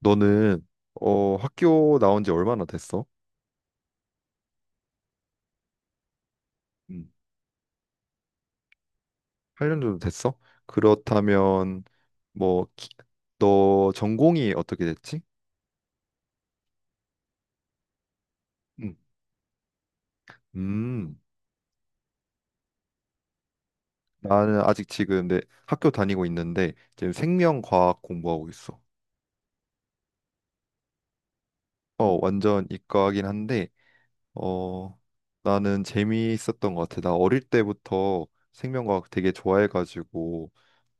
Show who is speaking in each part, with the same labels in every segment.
Speaker 1: 너는 학교 나온 지 얼마나 됐어? 음. 8년 정도 됐어? 그렇다면 뭐 너 전공이 어떻게 됐지? 음. 음, 나는 아직 지금 내 학교 다니고 있는데 지금 생명과학 공부하고 있어. 어, 완전 이과긴 한데 어 나는 재미있었던 것 같아. 나 어릴 때부터 생명과학 되게 좋아해가지고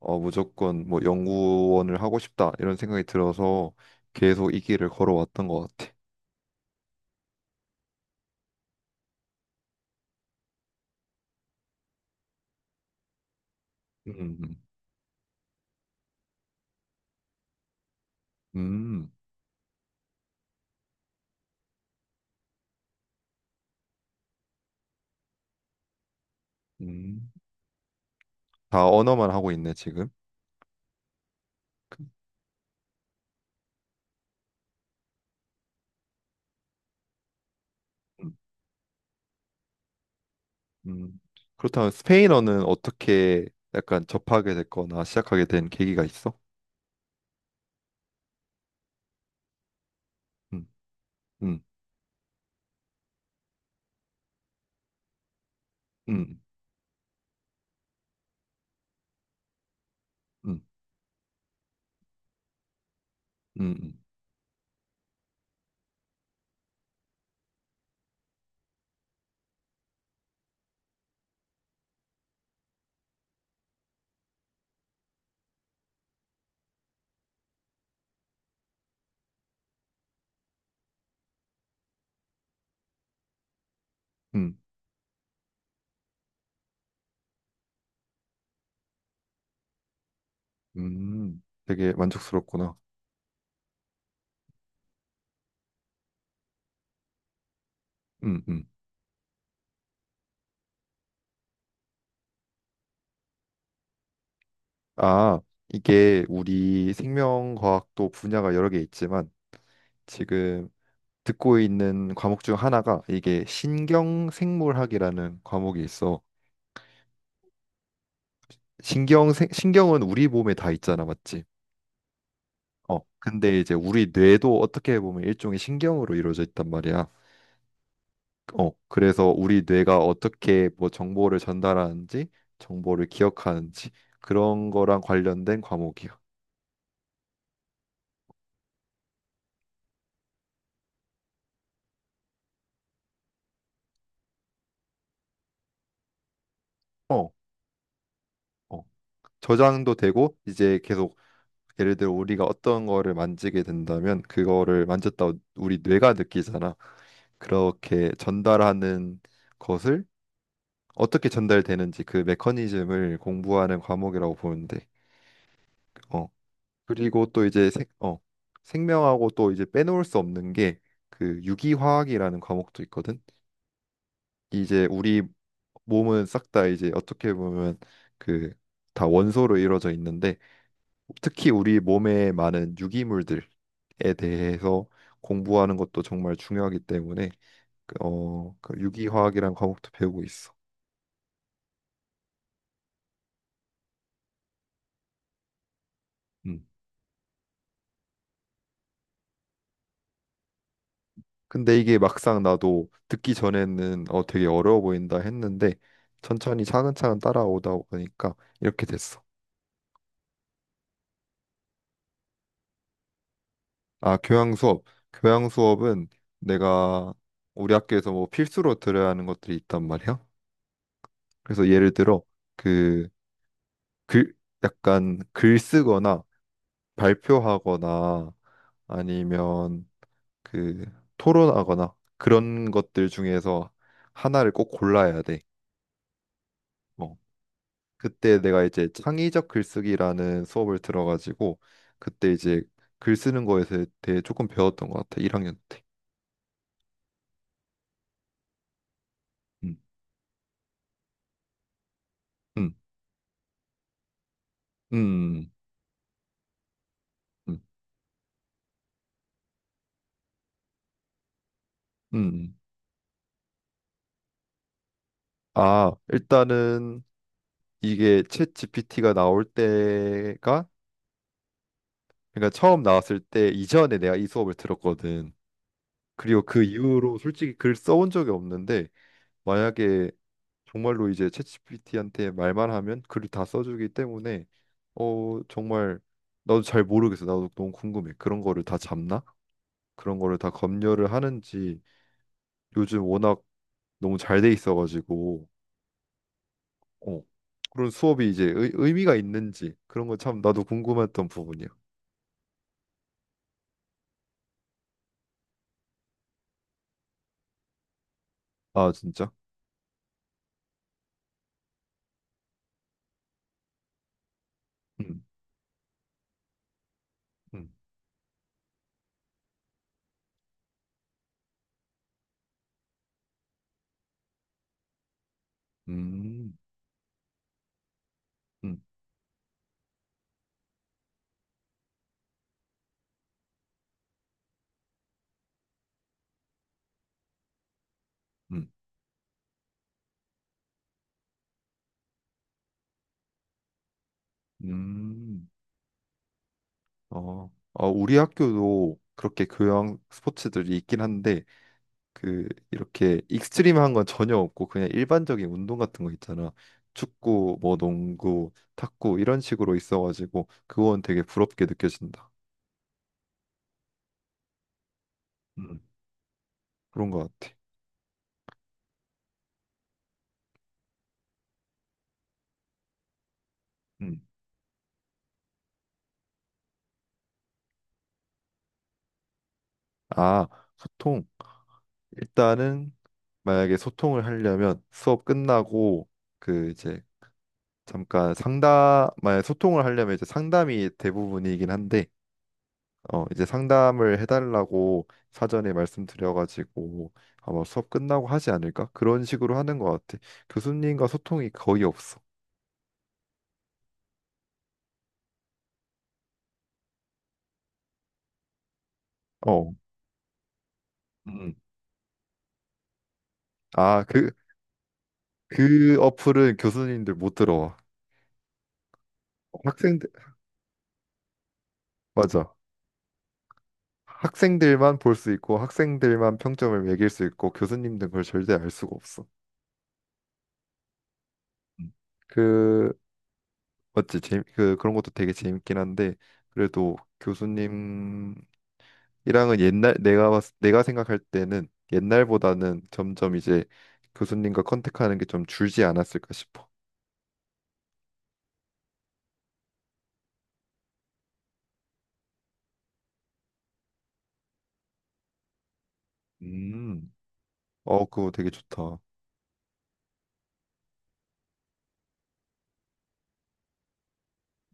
Speaker 1: 무조건 뭐 연구원을 하고 싶다 이런 생각이 들어서 계속 이 길을 걸어왔던 것 같아. 음, 음, 음. 다 언어만 하고 있네 지금. 음, 음. 그렇다면 스페인어는 어떻게 약간 접하게 됐거나 시작하게 된 계기가 있어? 음, 음, 음, 음, 음, 음, 되게 만족스럽구나. 음, 음. 아, 이게 우리 생명과학도 분야가 여러 개 있지만 지금 듣고 있는 과목 중 하나가 이게 신경생물학이라는 과목이 있어. 신경은 우리 몸에 다 있잖아, 맞지? 어. 근데 이제 우리 뇌도 어떻게 보면 일종의 신경으로 이루어져 있단 말이야. 어. 그래서 우리 뇌가 어떻게 뭐 정보를 전달하는지, 정보를 기억하는지 그런 거랑 관련된 과목이야. 어. 어. 저장도 되고 이제 계속 예를 들어 우리가 어떤 거를 만지게 된다면 그거를 만졌다 우리 뇌가 느끼잖아. 그렇게 전달하는 것을 어떻게 전달되는지 그 메커니즘을 공부하는 과목이라고 보는데 어 그리고 또 이제 생, 어 생명하고 또 이제 빼놓을 수 없는 게 그 유기화학이라는 과목도 있거든. 이제 우리 몸은 싹 다 이제 어떻게 보면 그 다 원소로 이루어져 있는데 특히 우리 몸에 많은 유기물들에 대해서 공부하는 것도 정말 중요하기 때문에 그 유기화학이란 과목도 배우고 있어. 음. 근데 이게 막상 나도 듣기 전에는 되게 어려워 보인다 했는데 천천히 차근차근 따라오다 보니까 이렇게 됐어. 아, 교양 수업. 교양 수업은 내가 우리 학교에서 뭐 필수로 들어야 하는 것들이 있단 말이야. 그래서 예를 들어 그 글 약간 글 쓰거나 발표하거나 아니면 그 토론하거나 그런 것들 중에서 하나를 꼭 골라야 돼. 뭐 그때 내가 이제 창의적 글쓰기라는 수업을 들어가지고 그때 이제 글 쓰는 거에 대해 조금 배웠던 것 같아. 1학년 때. 음, 음, 음, 음, 음. 아, 일단은 이게 챗 GPT가 나올 때가 그러니까 처음 나왔을 때 이전에 내가 이 수업을 들었거든. 그리고 그 이후로 솔직히 글 써 온 적이 없는데 만약에 정말로 이제 챗GPT한테 말만 하면 글을 다 써주기 때문에 정말 나도 잘 모르겠어. 나도 너무 궁금해. 그런 거를 다 잡나? 그런 거를 다 검열을 하는지 요즘 워낙 너무 잘 돼 있어가지고 어 그런 수업이 이제 의미가 있는지 그런 거 참 나도 궁금했던 부분이야. 아 진짜? 음, 음, 음, 음, 음, 음. 어, 아, 우리 학교도 그렇게 교양 스포츠들이 있긴 한데 그 이렇게 익스트림한 건 전혀 없고 그냥 일반적인 운동 같은 거 있잖아. 축구, 뭐 농구, 탁구 이런 식으로 있어가지고 그건 되게 부럽게 느껴진다. 음, 그런 것 같아. 음. 아, 소통. 일단은 만약에 소통을 하려면 수업 끝나고 그 이제 잠깐 상담, 만약 소통을 하려면 이제 상담이 대부분이긴 한데 이제 상담을 해달라고 사전에 말씀드려가지고 아마 수업 끝나고 하지 않을까? 그런 식으로 하는 것 같아. 교수님과 소통이 거의 없어. 어. 음. 아, 그, 어플은 교수님들 못 들어와. 학생들, 맞아. 학생들만 볼 수 있고 학생들만 평점을 매길 수 있고 교수님들은 그걸 절대 알 수가 없어. 음. 그, 맞지? 그런 것도 되게 재밌긴 한데 그래도 교수님 이랑은 옛날 내가 생각할 때는 옛날보다는 점점 이제 교수님과 컨택하는 게 좀 줄지 않았을까 싶어. 음, 어, 그거 되게 좋다.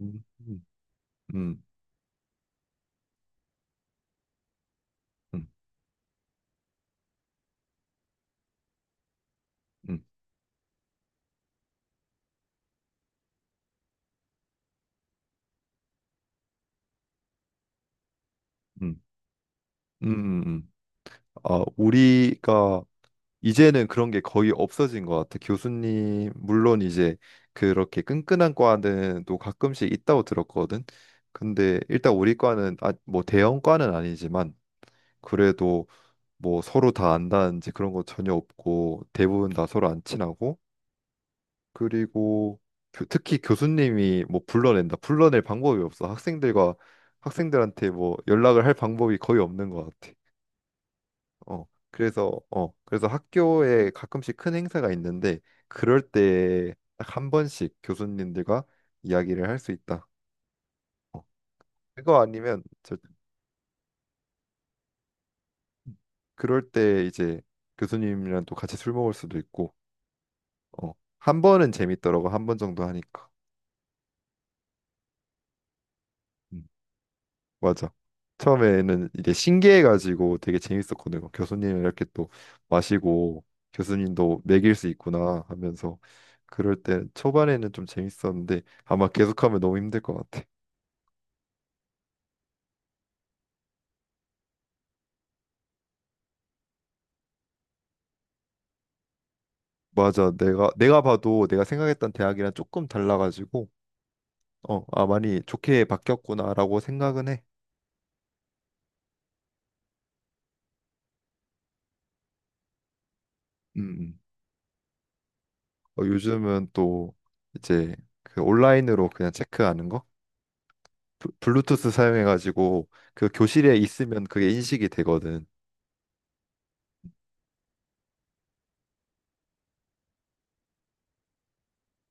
Speaker 1: 음, 음, 음, 음, 음, 음, 음, 음. 아, 우리가 이제는 그런 게 거의 없어진 것 같아. 교수님, 물론 이제 그렇게 끈끈한 과는 또 가끔씩 있다고 들었거든. 근데 일단 우리 과는 아, 뭐 대형 과는 아니지만 그래도 뭐 서로 다 안다든지 그런 거 전혀 없고 대부분 다 서로 안 친하고 그리고 특히 교수님이 뭐 불러낸다 불러낼 방법이 없어 학생들과 학생들한테 뭐 연락을 할 방법이 거의 없는 것 같아. 그래서 학교에 가끔씩 큰 행사가 있는데 그럴 때 딱 한 번씩 교수님들과 이야기를 할 수 있다. 어 그거 아니면 그럴 때 이제 교수님이랑 또 같이 술 먹을 수도 있고 어, 한 번은 재밌더라고. 한 번 정도 하니까. 음, 맞아. 처음에는 이게 신기해가지고 되게 재밌었거든. 요 교수님 이렇게 또 마시고 교수님도 먹일 수 있구나 하면서 그럴 때 초반에는 좀 재밌었는데 아마 계속하면 너무 힘들 것 같아. 맞아. 내가 봐도 내가 생각했던 대학이랑 조금 달라가지고 아 많이 좋게 바뀌었구나라고 생각은 해. 음. 음. 어, 요즘은 또 이제 그 온라인으로 그냥 체크하는 거 블루투스 사용해가지고 그 교실에 있으면 그게 인식이 되거든.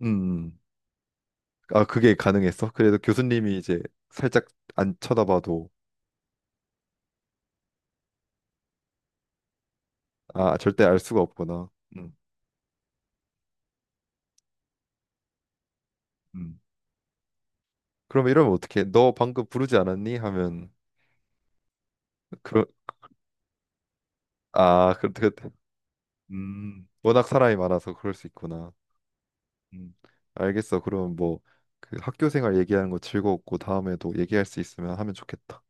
Speaker 1: 음. 음. 아, 그게 가능했어? 그래도 교수님이 이제 살짝 안 쳐다봐도 아, 절대 알 수가 없구나. 음. 음, 그럼 이러면 어떡해? 너 방금 부르지 않았니? 하면 그런 아, 그때 그때 워낙 사람이 많아서 그럴 수 있구나. 음. 알겠어. 그럼 뭐 그 학교 생활 얘기하는 거 즐거웠고 다음에도 얘기할 수 있으면 하면 좋겠다.